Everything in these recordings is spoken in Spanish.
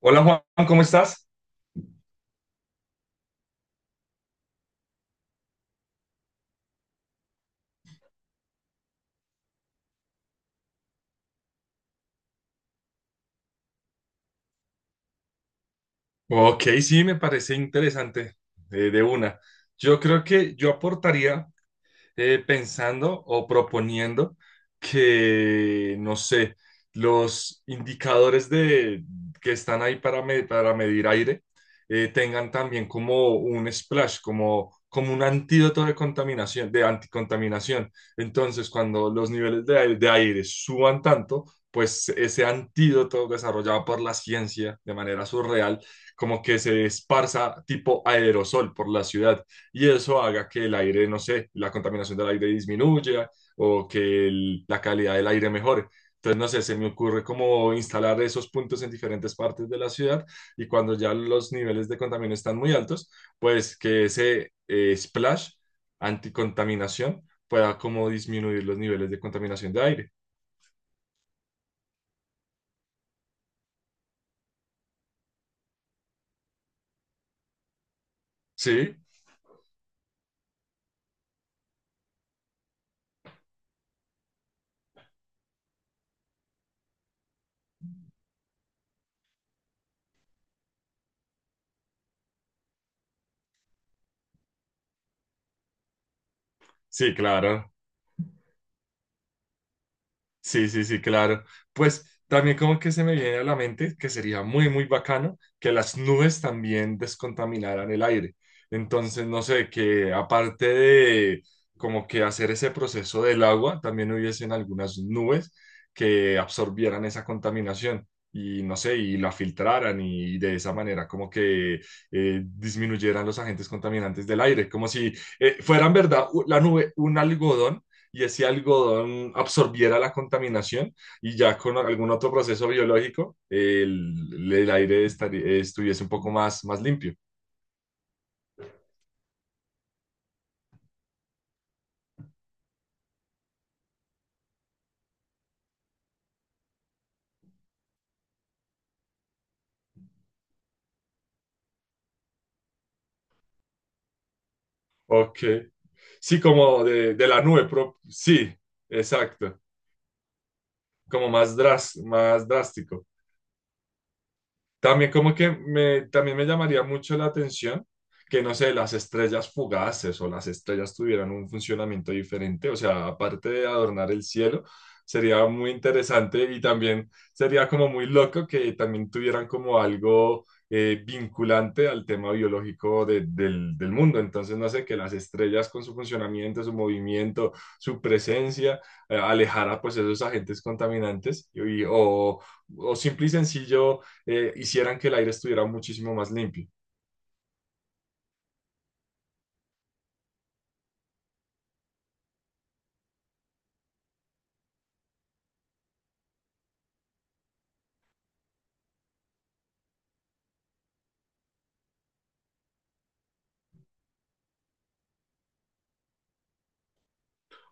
Hola Juan, ¿cómo estás? Ok, sí, me parece interesante, de una. Yo creo que yo aportaría pensando o proponiendo que, no sé, los indicadores que están ahí para, para medir aire tengan también como un splash, como, como un antídoto de contaminación, de anticontaminación. Entonces, cuando los niveles de aire suban tanto, pues ese antídoto desarrollado por la ciencia de manera surreal, como que se esparza tipo aerosol por la ciudad y eso haga que el aire, no sé, la contaminación del aire disminuya o que la calidad del aire mejore. Entonces, no sé, se me ocurre como instalar esos puntos en diferentes partes de la ciudad y cuando ya los niveles de contaminación están muy altos, pues que ese splash anticontaminación pueda como disminuir los niveles de contaminación de aire. Sí, sí, claro. Sí, sí, sí, claro. Pues también como que se me viene a la mente que sería muy, muy bacano que las nubes también descontaminaran el aire. Entonces, no sé, que aparte de como que hacer ese proceso del agua, también hubiesen algunas nubes que absorbieran esa contaminación y no sé, y la filtraran y de esa manera como que disminuyeran los agentes contaminantes del aire, como si fueran, ¿verdad? La nube, un algodón y ese algodón absorbiera la contaminación y ya con algún otro proceso biológico el aire estuviese un poco más, más limpio. Ok, sí, como de la nube, sí, exacto, como más, más drástico. También como que me, también me llamaría mucho la atención que, no sé, las estrellas fugaces o las estrellas tuvieran un funcionamiento diferente. O sea, aparte de adornar el cielo, sería muy interesante y también sería como muy loco que también tuvieran como algo vinculante al tema biológico del, del mundo. Entonces, no sé, que las estrellas con su funcionamiento, su movimiento, su presencia, alejara pues esos agentes contaminantes y, o simple y sencillo hicieran que el aire estuviera muchísimo más limpio.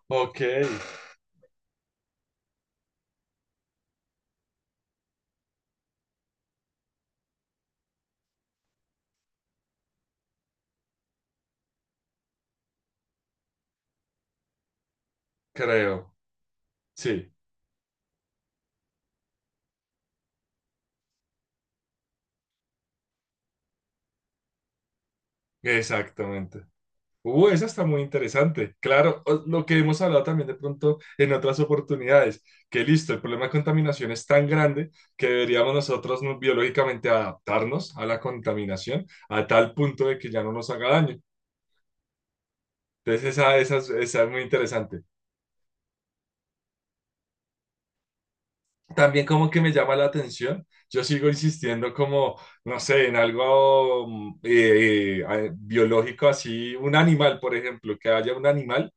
Ok, creo. Sí, exactamente. Esa está muy interesante. Claro, lo que hemos hablado también de pronto en otras oportunidades, que listo, el problema de contaminación es tan grande que deberíamos nosotros biológicamente adaptarnos a la contaminación a tal punto de que ya no nos haga daño. Entonces, esa, esa es muy interesante. También como que me llama la atención, yo sigo insistiendo como, no sé, en algo biológico así, un animal, por ejemplo, que haya un animal,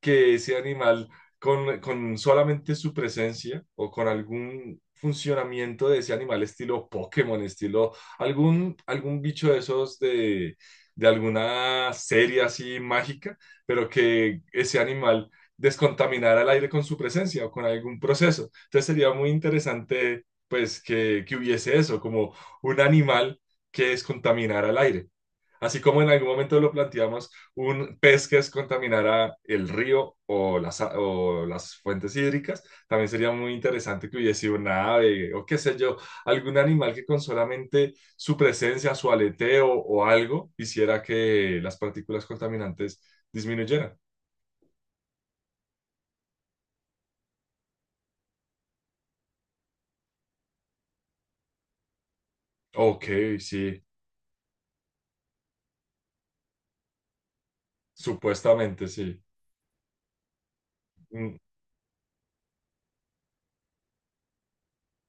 que ese animal con solamente su presencia o con algún funcionamiento de ese animal estilo Pokémon, estilo algún, algún bicho de esos de alguna serie así mágica, pero que ese animal descontaminara el aire con su presencia o con algún proceso. Entonces sería muy interesante, pues, que hubiese eso, como un animal que descontaminara el aire. Así como en algún momento lo planteamos, un pez que descontaminara el río o las, o las fuentes hídricas, también sería muy interesante que hubiese una ave o qué sé yo, algún animal que con solamente su presencia, su aleteo o algo, hiciera que las partículas contaminantes disminuyeran. Ok, sí, supuestamente sí. Mm,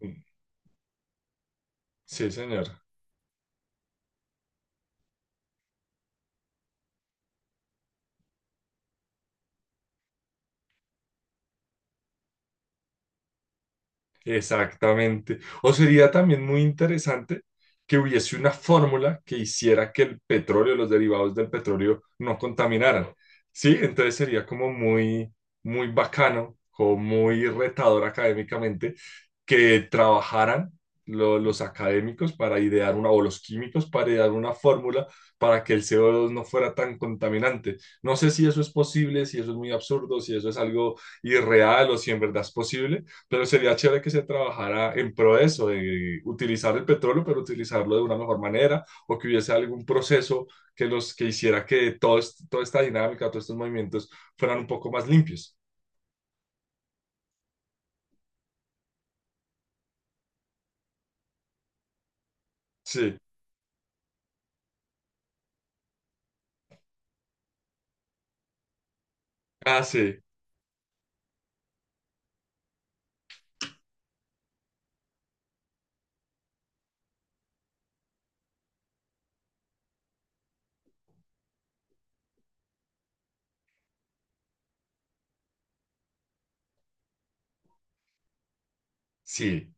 mm, sí, señor. Exactamente. O sería también muy interesante que hubiese una fórmula que hiciera que el petróleo, los derivados del petróleo, no contaminaran. Sí, entonces sería como muy, muy bacano o muy retador académicamente que trabajaran los académicos para idear una, o los químicos para idear una fórmula para que el CO2 no fuera tan contaminante. No sé si eso es posible, si eso es muy absurdo, si eso es algo irreal o si en verdad es posible, pero sería chévere que se trabajara en pro de eso, de utilizar el petróleo, pero utilizarlo de una mejor manera, o que hubiese algún proceso que los que hiciera que todo, toda esta dinámica, todos estos movimientos fueran un poco más limpios. Sí, ah, sí, sí.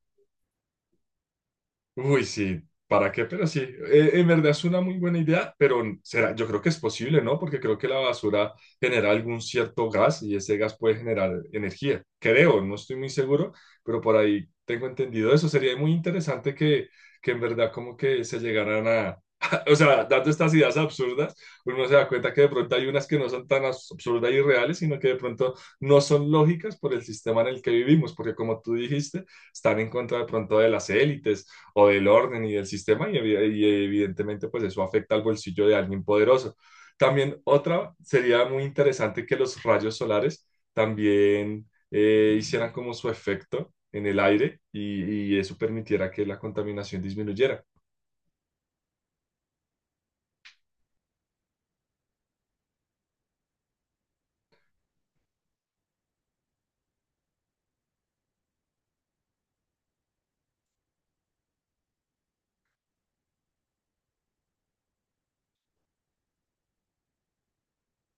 Uy, sí, ¿para qué? Pero sí, en verdad es una muy buena idea, pero será, yo creo que es posible, ¿no? Porque creo que la basura genera algún cierto gas y ese gas puede generar energía. Creo, no estoy muy seguro, pero por ahí tengo entendido eso. Sería muy interesante que en verdad como que se llegaran a... O sea, dando estas ideas absurdas, uno se da cuenta que de pronto hay unas que no son tan absurdas y reales, sino que de pronto no son lógicas por el sistema en el que vivimos, porque como tú dijiste, están en contra de pronto de las élites o del orden y del sistema y, y evidentemente pues eso afecta al bolsillo de alguien poderoso. También otra sería muy interesante que los rayos solares también hicieran como su efecto en el aire y eso permitiera que la contaminación disminuyera.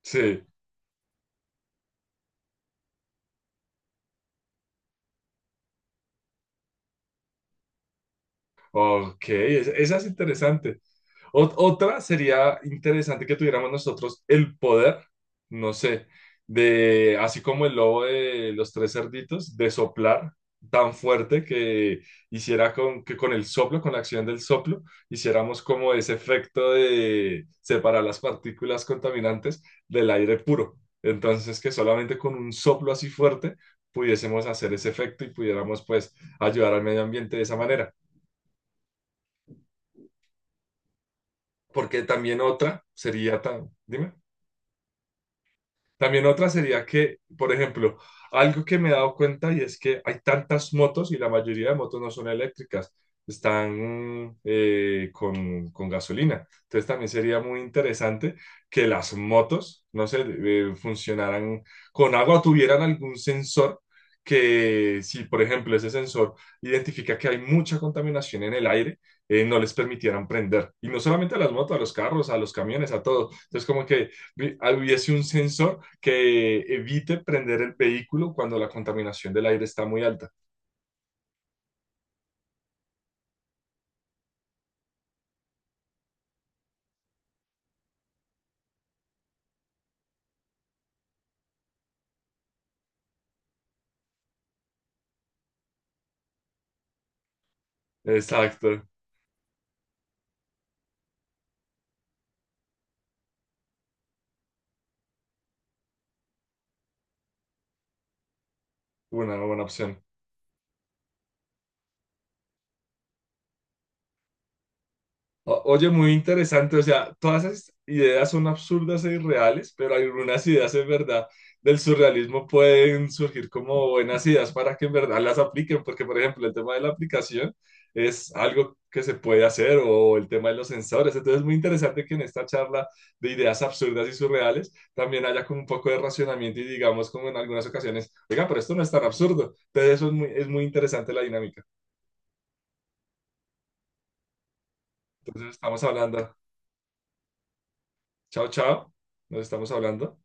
Sí. Ok, esa es interesante. Otra sería interesante que tuviéramos nosotros el poder, no sé, de, así como el lobo de los tres cerditos, de soplar tan fuerte que hiciera con, que con el soplo, con la acción del soplo, hiciéramos como ese efecto de separar las partículas contaminantes del aire puro. Entonces, que solamente con un soplo así fuerte pudiésemos hacer ese efecto y pudiéramos pues ayudar al medio ambiente de esa manera. Porque también otra sería tan, dime. También otra sería que, por ejemplo, algo que me he dado cuenta y es que hay tantas motos y la mayoría de motos no son eléctricas, están con gasolina. Entonces también sería muy interesante que las motos, no sé, funcionaran con agua o tuvieran algún sensor que si, por ejemplo, ese sensor identifica que hay mucha contaminación en el aire, no les permitieran prender. Y no solamente a las motos, a los carros, a los camiones, a todo. Entonces como que vi- hubiese un sensor que evite prender el vehículo cuando la contaminación del aire está muy alta. Exacto, una buena opción. O- Oye, muy interesante, o sea, todas esas ideas son absurdas e irreales, pero algunas ideas en verdad del surrealismo pueden surgir como buenas ideas para que en verdad las apliquen, porque por ejemplo el tema de la aplicación es algo que se puede hacer o el tema de los sensores, entonces es muy interesante que en esta charla de ideas absurdas y surreales también haya como un poco de racionamiento y digamos como en algunas ocasiones, oiga, pero esto no es tan absurdo, entonces eso es muy interesante la dinámica. Entonces estamos hablando, chao, chao, nos estamos hablando.